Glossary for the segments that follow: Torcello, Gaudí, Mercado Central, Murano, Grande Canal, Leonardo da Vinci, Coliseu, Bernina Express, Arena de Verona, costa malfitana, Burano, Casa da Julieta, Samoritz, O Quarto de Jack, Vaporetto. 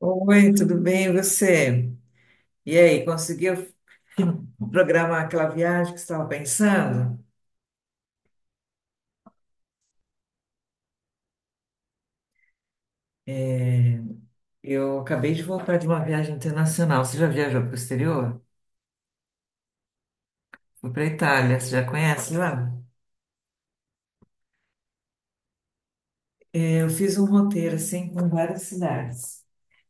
Oi, tudo bem? E você? E aí, conseguiu programar aquela viagem que você estava pensando? É, eu acabei de voltar de uma viagem internacional. Você já viajou para o exterior? Fui para a Itália, você já conhece lá? É, eu fiz um roteiro assim com várias cidades.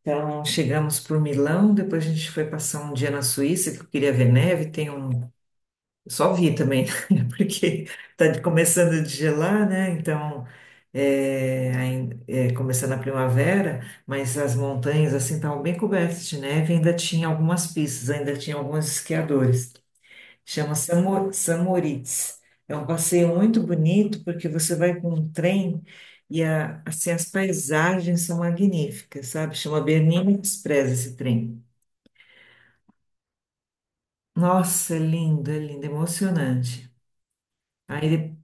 Então, chegamos por Milão, depois a gente foi passar um dia na Suíça, que eu queria ver neve. Tem um Eu só vi também, né? Porque está começando de gelar, né? Então, começando a primavera, mas as montanhas assim estavam bem cobertas de neve, ainda tinha algumas pistas, ainda tinha alguns esquiadores. Chama Samoritz. É um passeio muito bonito porque você vai com um trem e assim, as paisagens são magníficas, sabe? Chama Bernina Express esse trem. Nossa, é lindo, é lindo, é emocionante. Aí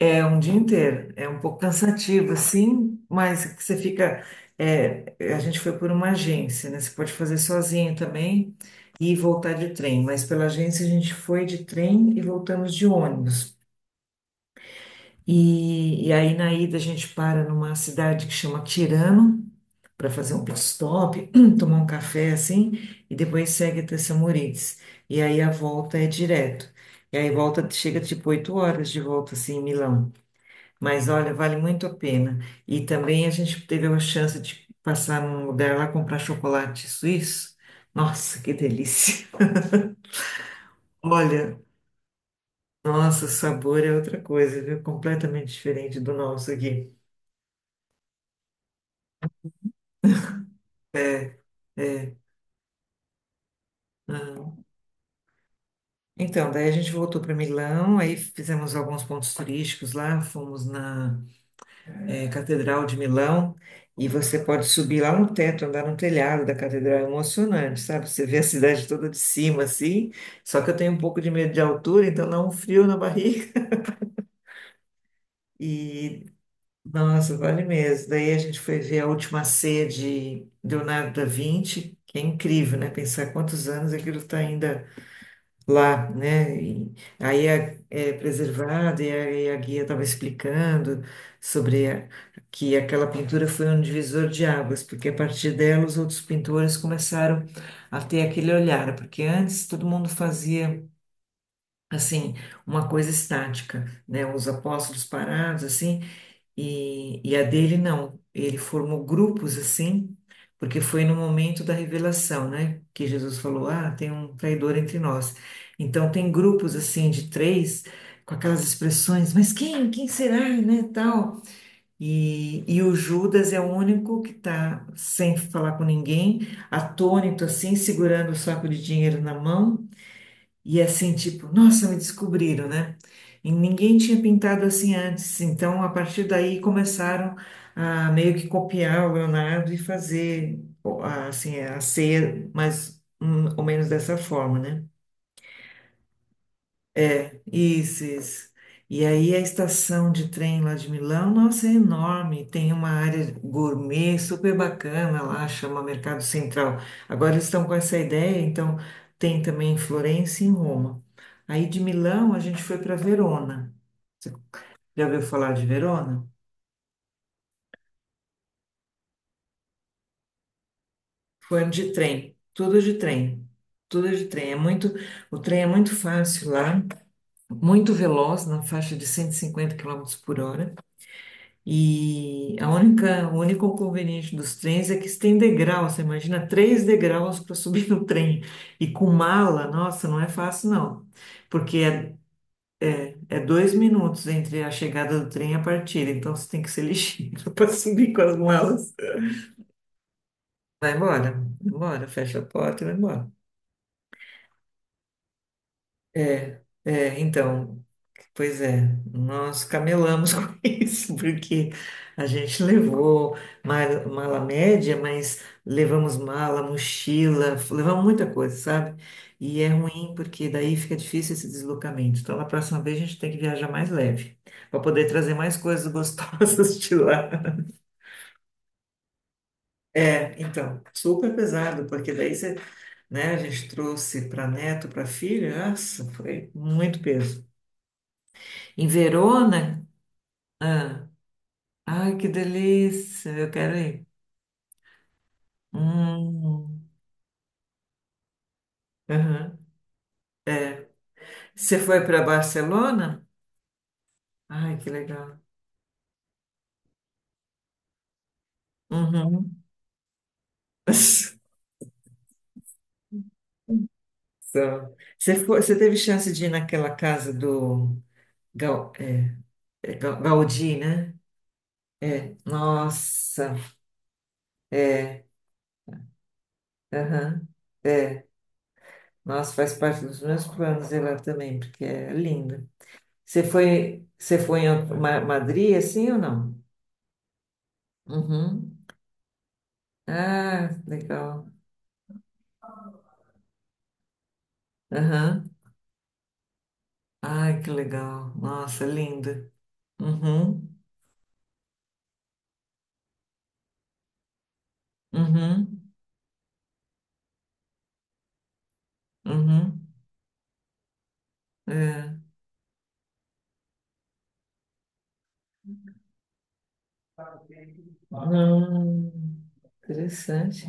É um dia inteiro, é um pouco cansativo, assim, mas que você fica. É, a gente foi por uma agência, né? Você pode fazer sozinho também e voltar de trem, mas pela agência a gente foi de trem e voltamos de ônibus. E aí na ida a gente para numa cidade que chama Tirano para fazer um pit stop, tomar um café assim, e depois segue até Samorins. E aí a volta é direto. E aí volta, chega tipo 8 horas de volta assim em Milão. Mas olha, vale muito a pena. E também a gente teve uma chance de passar num lugar lá comprar chocolate suíço. Nossa, que delícia! Olha, nossa, o sabor é outra coisa, viu? Completamente diferente do nosso aqui. É. Então, daí a gente voltou para Milão, aí fizemos alguns pontos turísticos lá, fomos na Catedral de Milão, e você pode subir lá no teto, andar no telhado da catedral, é emocionante, sabe? Você vê a cidade toda de cima, assim, só que eu tenho um pouco de medo de altura, então dá um frio na barriga, e nossa, vale mesmo. Daí a gente foi ver a última ceia de Leonardo da Vinci, que é incrível, né? Pensar quantos anos aquilo está ainda lá, né? E aí é preservado e a guia estava explicando sobre a- que aquela pintura foi um divisor de águas, porque a partir dela os outros pintores começaram a ter aquele olhar, porque antes todo mundo fazia assim uma coisa estática, né? Os apóstolos parados assim e, a dele não, ele formou grupos assim, porque foi no momento da revelação, né? Que Jesus falou: Ah, tem um traidor entre nós. Então, tem grupos assim de três, com aquelas expressões: Mas quem? Quem será? Né? Tal. E o Judas é o único que está sem falar com ninguém, atônito assim, segurando o saco de dinheiro na mão. E assim, tipo, nossa, me descobriram, né? E ninguém tinha pintado assim antes. Então, a partir daí, começaram a meio que copiar o Leonardo e fazer, ó, assim, a ceia mais ou menos dessa forma, né? Isso, isso. E aí a estação de trem lá de Milão, nossa, é enorme. Tem uma área gourmet super bacana lá, chama Mercado Central. Agora eles estão com essa ideia, então tem também em Florença e em Roma. Aí de Milão a gente foi para Verona. Você já ouviu falar de Verona? Foi de trem, tudo de trem. Tudo de trem. É muito, o trem é muito fácil lá, muito veloz, na faixa de 150 km por hora. E a única, o único inconveniente dos trens é que eles têm degrau. Você imagina três degraus para subir no trem. E com mala, nossa, não é fácil, não. Porque é 2 minutos entre a chegada do trem e a partida. Então você tem que ser ligeiro para subir com as malas. Vai embora, vai embora, fecha a porta e vai embora. É, é, então. Pois é, nós camelamos com isso, porque a gente levou mala média, mas levamos mala, mochila, levamos muita coisa, sabe? E é ruim porque daí fica difícil esse deslocamento. Então, na próxima vez a gente tem que viajar mais leve, para poder trazer mais coisas gostosas de lá. É, então, super pesado, porque daí você, né, a gente trouxe para neto, para filha, nossa, foi muito peso. Em Verona, ai, que delícia! Eu quero ir. Hum, aham. Você foi para Barcelona? Ai, que legal. Uhum. Só. Você foi, você teve chance de ir naquela casa do Gal, é, é Ga- Gaudí, né? É. Nossa. É. Aham. É. Nossa, faz parte dos meus planos ir lá também, porque é lindo. Você foi em Madrid, assim ou não? Uhum. Ah, legal. Aham. Ai, que legal. Nossa, linda. Uhum, uhum, uhum. É. Hum, interessante.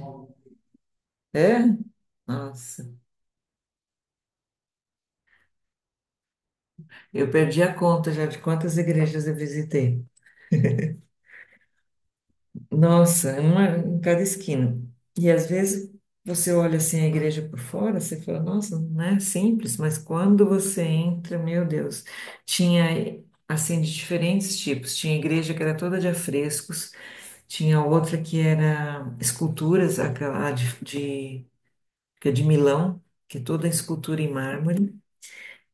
É? Nossa. Eu perdi a conta já de quantas igrejas eu visitei. Nossa, é uma em cada esquina. E às vezes você olha assim a igreja por fora, você fala, nossa, não é simples, mas quando você entra, meu Deus, tinha assim de diferentes tipos. Tinha igreja que era toda de afrescos. Tinha outra que era esculturas, aquela de, que é de Milão, que é toda escultura em mármore.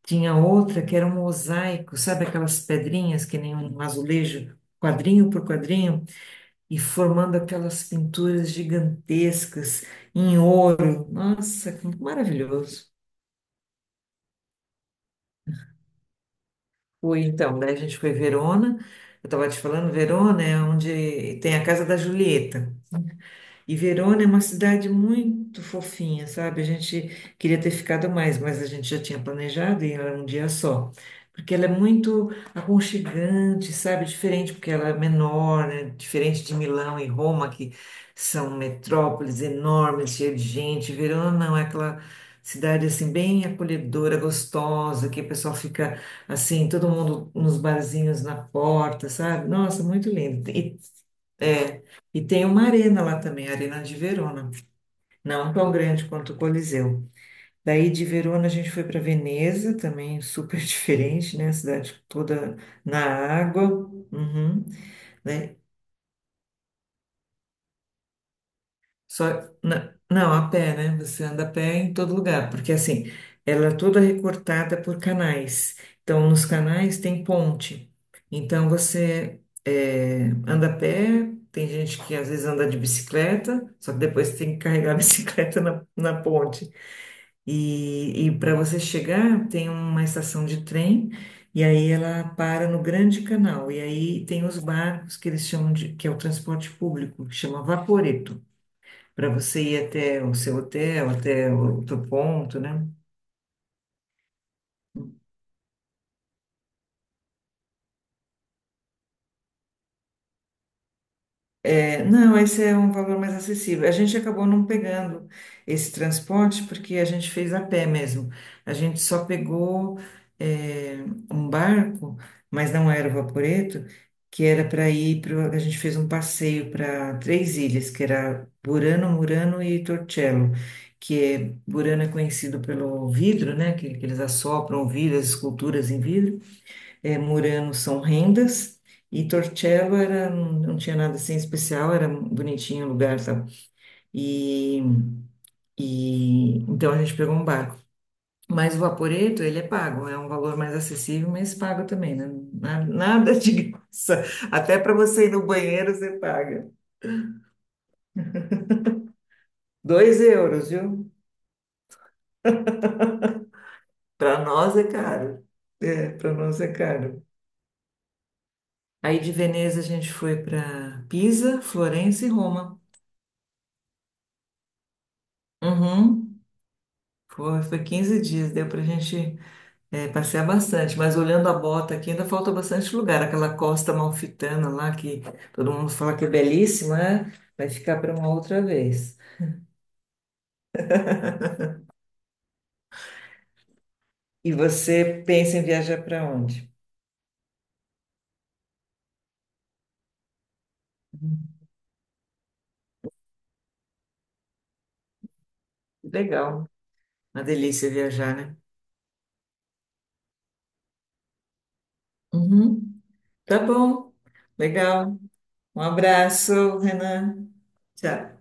Tinha outra que era um mosaico, sabe aquelas pedrinhas que nem um azulejo, quadrinho por quadrinho, e formando aquelas pinturas gigantescas em ouro. Nossa, que maravilhoso. Fui então, daí a gente foi em Verona. Eu estava te falando, Verona é onde tem a Casa da Julieta. E Verona é uma cidade muito fofinha, sabe? A gente queria ter ficado mais, mas a gente já tinha planejado e era um dia só. Porque ela é muito aconchegante, sabe? Diferente, porque ela é menor, né? Diferente de Milão e Roma, que são metrópoles enormes, cheias de gente. Verona não, é aquela cidade assim bem acolhedora, gostosa, que o pessoal fica assim, todo mundo nos barzinhos na porta, sabe? Nossa, muito lindo. É, e tem uma arena lá também, a Arena de Verona, não tão grande quanto o Coliseu. Daí de Verona a gente foi para Veneza, também super diferente, né? A cidade toda na água, uhum, né? Só, não, a pé, né? Você anda a pé em todo lugar, porque assim, ela é toda recortada por canais. Então, nos canais tem ponte. Então, você anda a pé, tem gente que às vezes anda de bicicleta, só que depois tem que carregar a bicicleta na ponte. E para você chegar, tem uma estação de trem, e aí ela para no Grande Canal. E aí tem os barcos que eles chamam de, que é o transporte público, que chama Vaporetto para você ir até o seu hotel, até o outro ponto, né? É, não, esse é um valor mais acessível. A gente acabou não pegando esse transporte porque a gente fez a pé mesmo. A gente só pegou é, um barco, mas não era o Vaporetto, que era para ir para. A gente fez um passeio para três ilhas, que era Burano, Murano e Torcello. Que é, Burano é conhecido pelo vidro, né? Que eles assopram vidro, as esculturas em vidro. Murano são rendas e Torcello era, não tinha nada assim especial, era bonitinho o lugar, sabe? E, e então a gente pegou um barco. Mas o Vaporetto, ele é pago, é um valor mais acessível, mas pago também, né? Nada de graça. Até para você ir no banheiro, você paga. 2 euros, viu? Para nós é caro. É, para nós é caro. Aí de Veneza a gente foi para Pisa, Florença e Roma. Uhum. Foi 15 dias, deu para a gente passear bastante, mas olhando a bota aqui, ainda falta bastante lugar. Aquela costa malfitana lá, que todo mundo fala que é belíssima, né? Vai ficar para uma outra vez. E você pensa em viajar para onde? Hum. Legal, uma delícia viajar, né? Uhum. Tá bom, legal. Um abraço, Renan. Tchau.